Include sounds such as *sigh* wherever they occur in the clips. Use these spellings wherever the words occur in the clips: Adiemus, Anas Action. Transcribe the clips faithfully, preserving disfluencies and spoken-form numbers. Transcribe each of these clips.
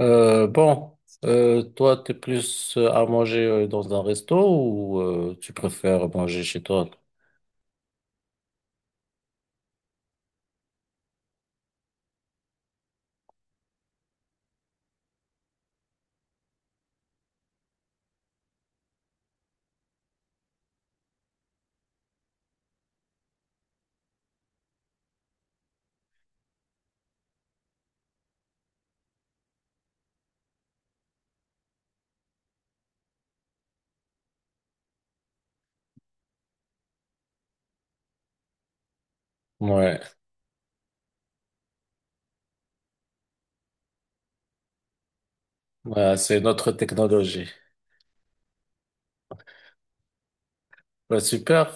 Euh, bon, euh, toi, t'es plus euh, à manger euh, dans un resto ou euh, tu préfères manger chez toi? Ouais. Ouais, c'est notre technologie. Bah, super.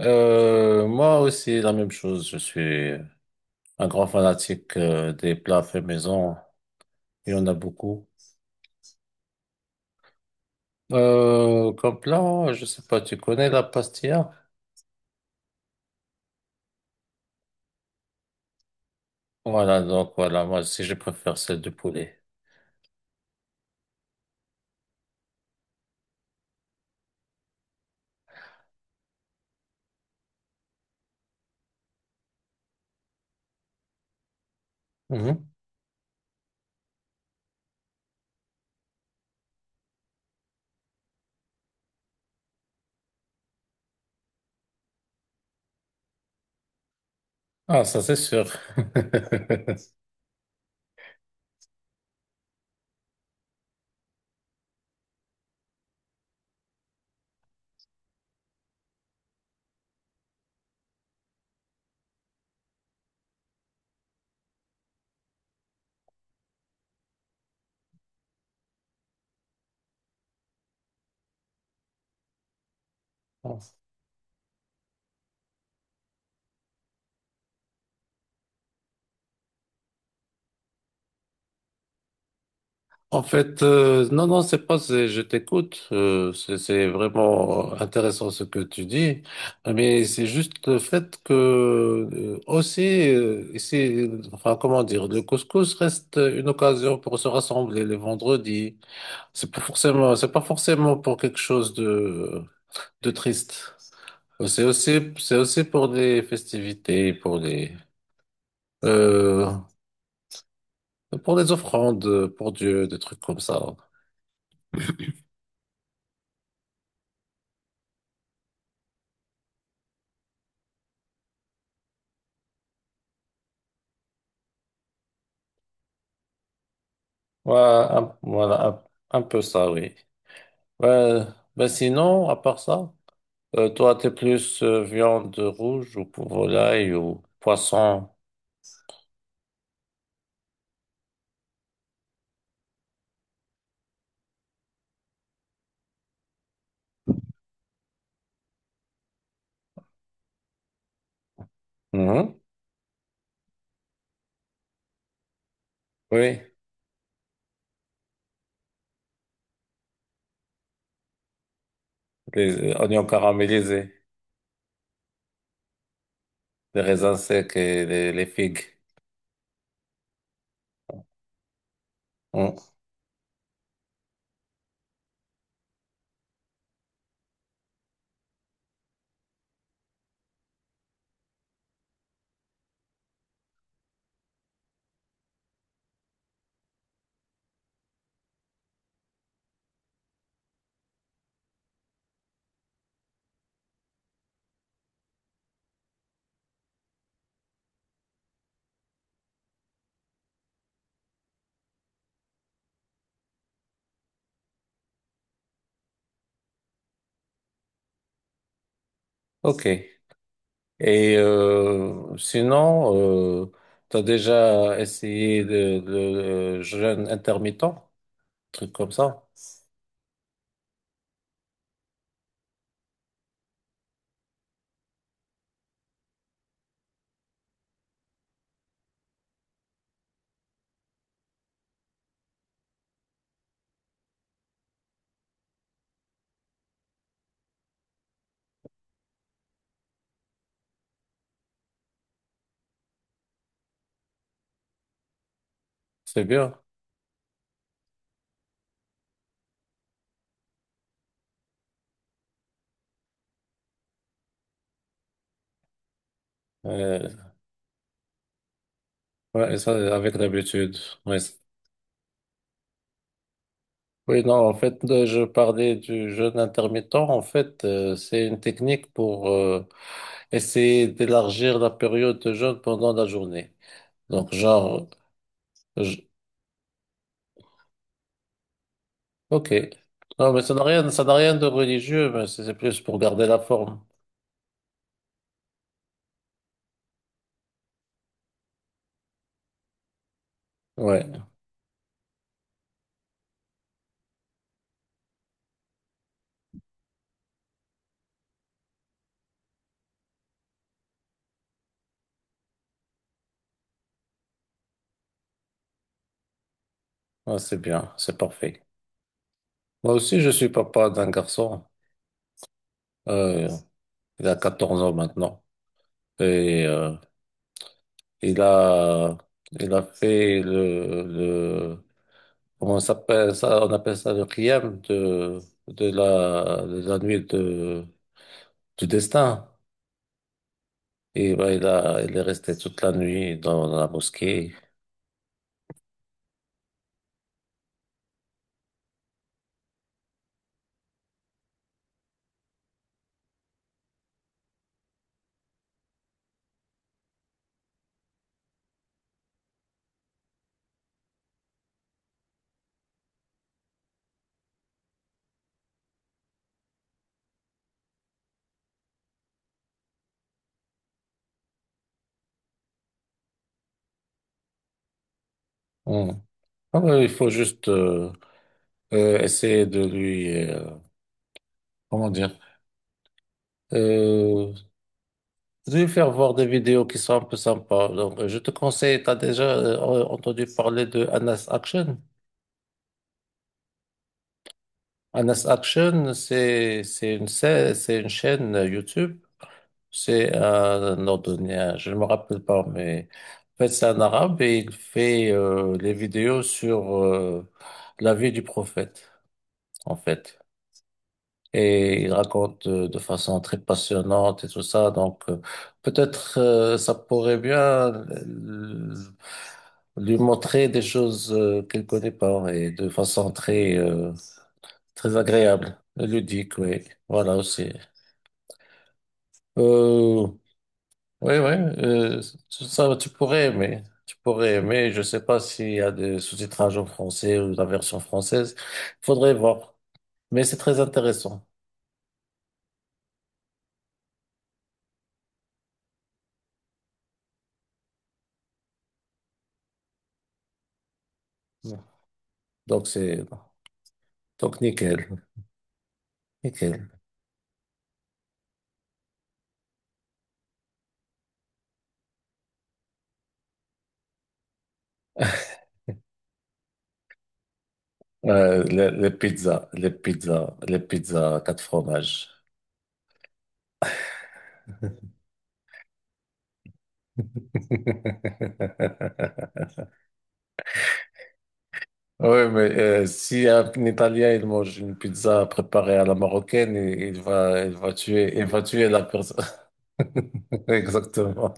Euh, moi aussi, la même chose. Je suis un grand fanatique euh, des plats faits maison. Il y en a beaucoup. Euh, comme plat, je sais pas, tu connais la pastilla? Voilà, donc voilà, moi aussi, je préfère celle de poulet. Mhm. Ah, ça c'est sûr. *laughs* En fait, euh, non, non, c'est pas, c'est, je t'écoute. euh, c'est c'est vraiment intéressant ce que tu dis, mais c'est juste le fait que euh, aussi, euh, ici, enfin, comment dire, le couscous reste une occasion pour se rassembler les vendredis. C'est pas forcément, c'est pas forcément pour quelque chose de de triste. C'est aussi, c'est aussi pour des festivités, pour des Euh, pour des offrandes pour Dieu, des trucs comme ça. Ouais, un- voilà, un, un peu ça, oui. Ouais, ben sinon, à part ça, euh, toi, t'es plus euh, viande rouge ou pour volaille ou poisson. Mhm. Oui, les euh, oignons caramélisés, les raisins secs et les, les figues. Mhm. Ok. Et euh, sinon, euh, t'as déjà essayé le, le, le jeûne intermittent, truc comme ça. C'est bien. Euh, ouais, ça, avec l'habitude. Ouais. Oui, non, en fait, euh, je parlais du jeûne intermittent. En fait, euh, c'est une technique pour euh, essayer d'élargir la période de jeûne pendant la journée. Donc, genre, je- ok. Non, mais ça n'a rien, ça n'a rien de religieux, mais c'est c'est plus pour garder la forme. Ouais. Ouais, c'est bien, c'est parfait. Moi aussi, je suis papa d'un garçon. Euh, il a quatorze ans maintenant. Et euh, Il a, il a fait le, le, comment ça s'appelle ça? On appelle ça le Qiyam de, de la, de la nuit de, du destin. Et ben, il a, il est resté toute la nuit dans la mosquée. Hmm. Ah ouais, il faut juste euh, euh, essayer de lui, euh, comment dire, euh, de lui faire voir des vidéos qui sont un peu sympas. Donc, euh, je te conseille, tu as déjà euh, entendu parler de Anas Action? Honest Action, c'est c'est une sa- c'est une chaîne YouTube. C'est un Nordonien, je ne me rappelle pas, mais en fait c'est un arabe et il fait euh, les vidéos sur euh, la vie du prophète, en fait. Et il raconte euh, de façon très passionnante et tout ça. Donc euh, peut-être euh, ça pourrait bien euh, lui montrer des choses euh, qu'elle connaît pas et de façon très euh, très agréable, ludique, oui. Voilà aussi. Euh, oui, oui, euh, ça, tu pourrais aimer. Tu pourrais aimer. Je sais pas s'il y a des sous-titrages en français ou la version française. Faudrait voir. Mais c'est très intéressant. Donc, c'est, donc, nickel. Nickel. Euh, les, les pizzas, les pizzas, les pizzas à quatre fromages. *laughs* Oui, mais euh, si un Italien il mange une pizza préparée à la marocaine, il, il va, il va tuer, il va tuer la personne. *laughs* Exactement.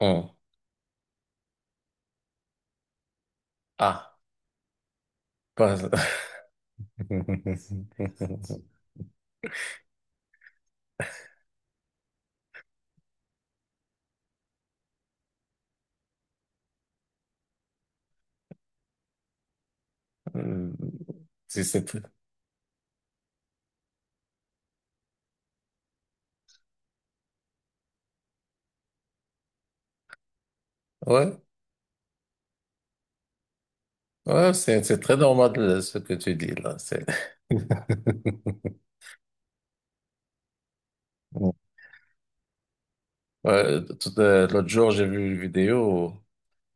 Oh. Ah, pas... *laughs* si c'est très ouais, ouais, c'est c'est très normal euh, ce que tu dis là. C'est... *laughs* Ouais, tout, euh, l'autre jour, j'ai vu une vidéo.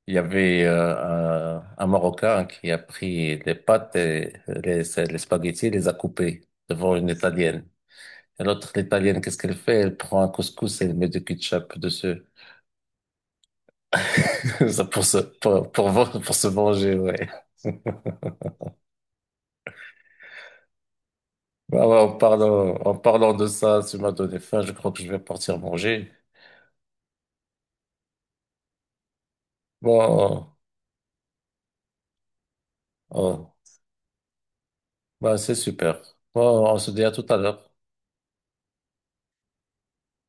Il y avait euh, un, un Marocain qui a pris les pâtes et les, les spaghettis et les a coupés devant une Italienne. Et l'autre, l'Italienne, qu'est-ce qu'elle fait? Elle prend un couscous et elle met du ketchup dessus. *laughs* Ça pour se, pour, pour, pour se manger, ouais. Ah ouais, en parlant, en parlant de ça, tu m'as donné faim, je crois que je vais partir manger. Bon, oh, bah c'est super. Bon, on se dit à tout à l'heure.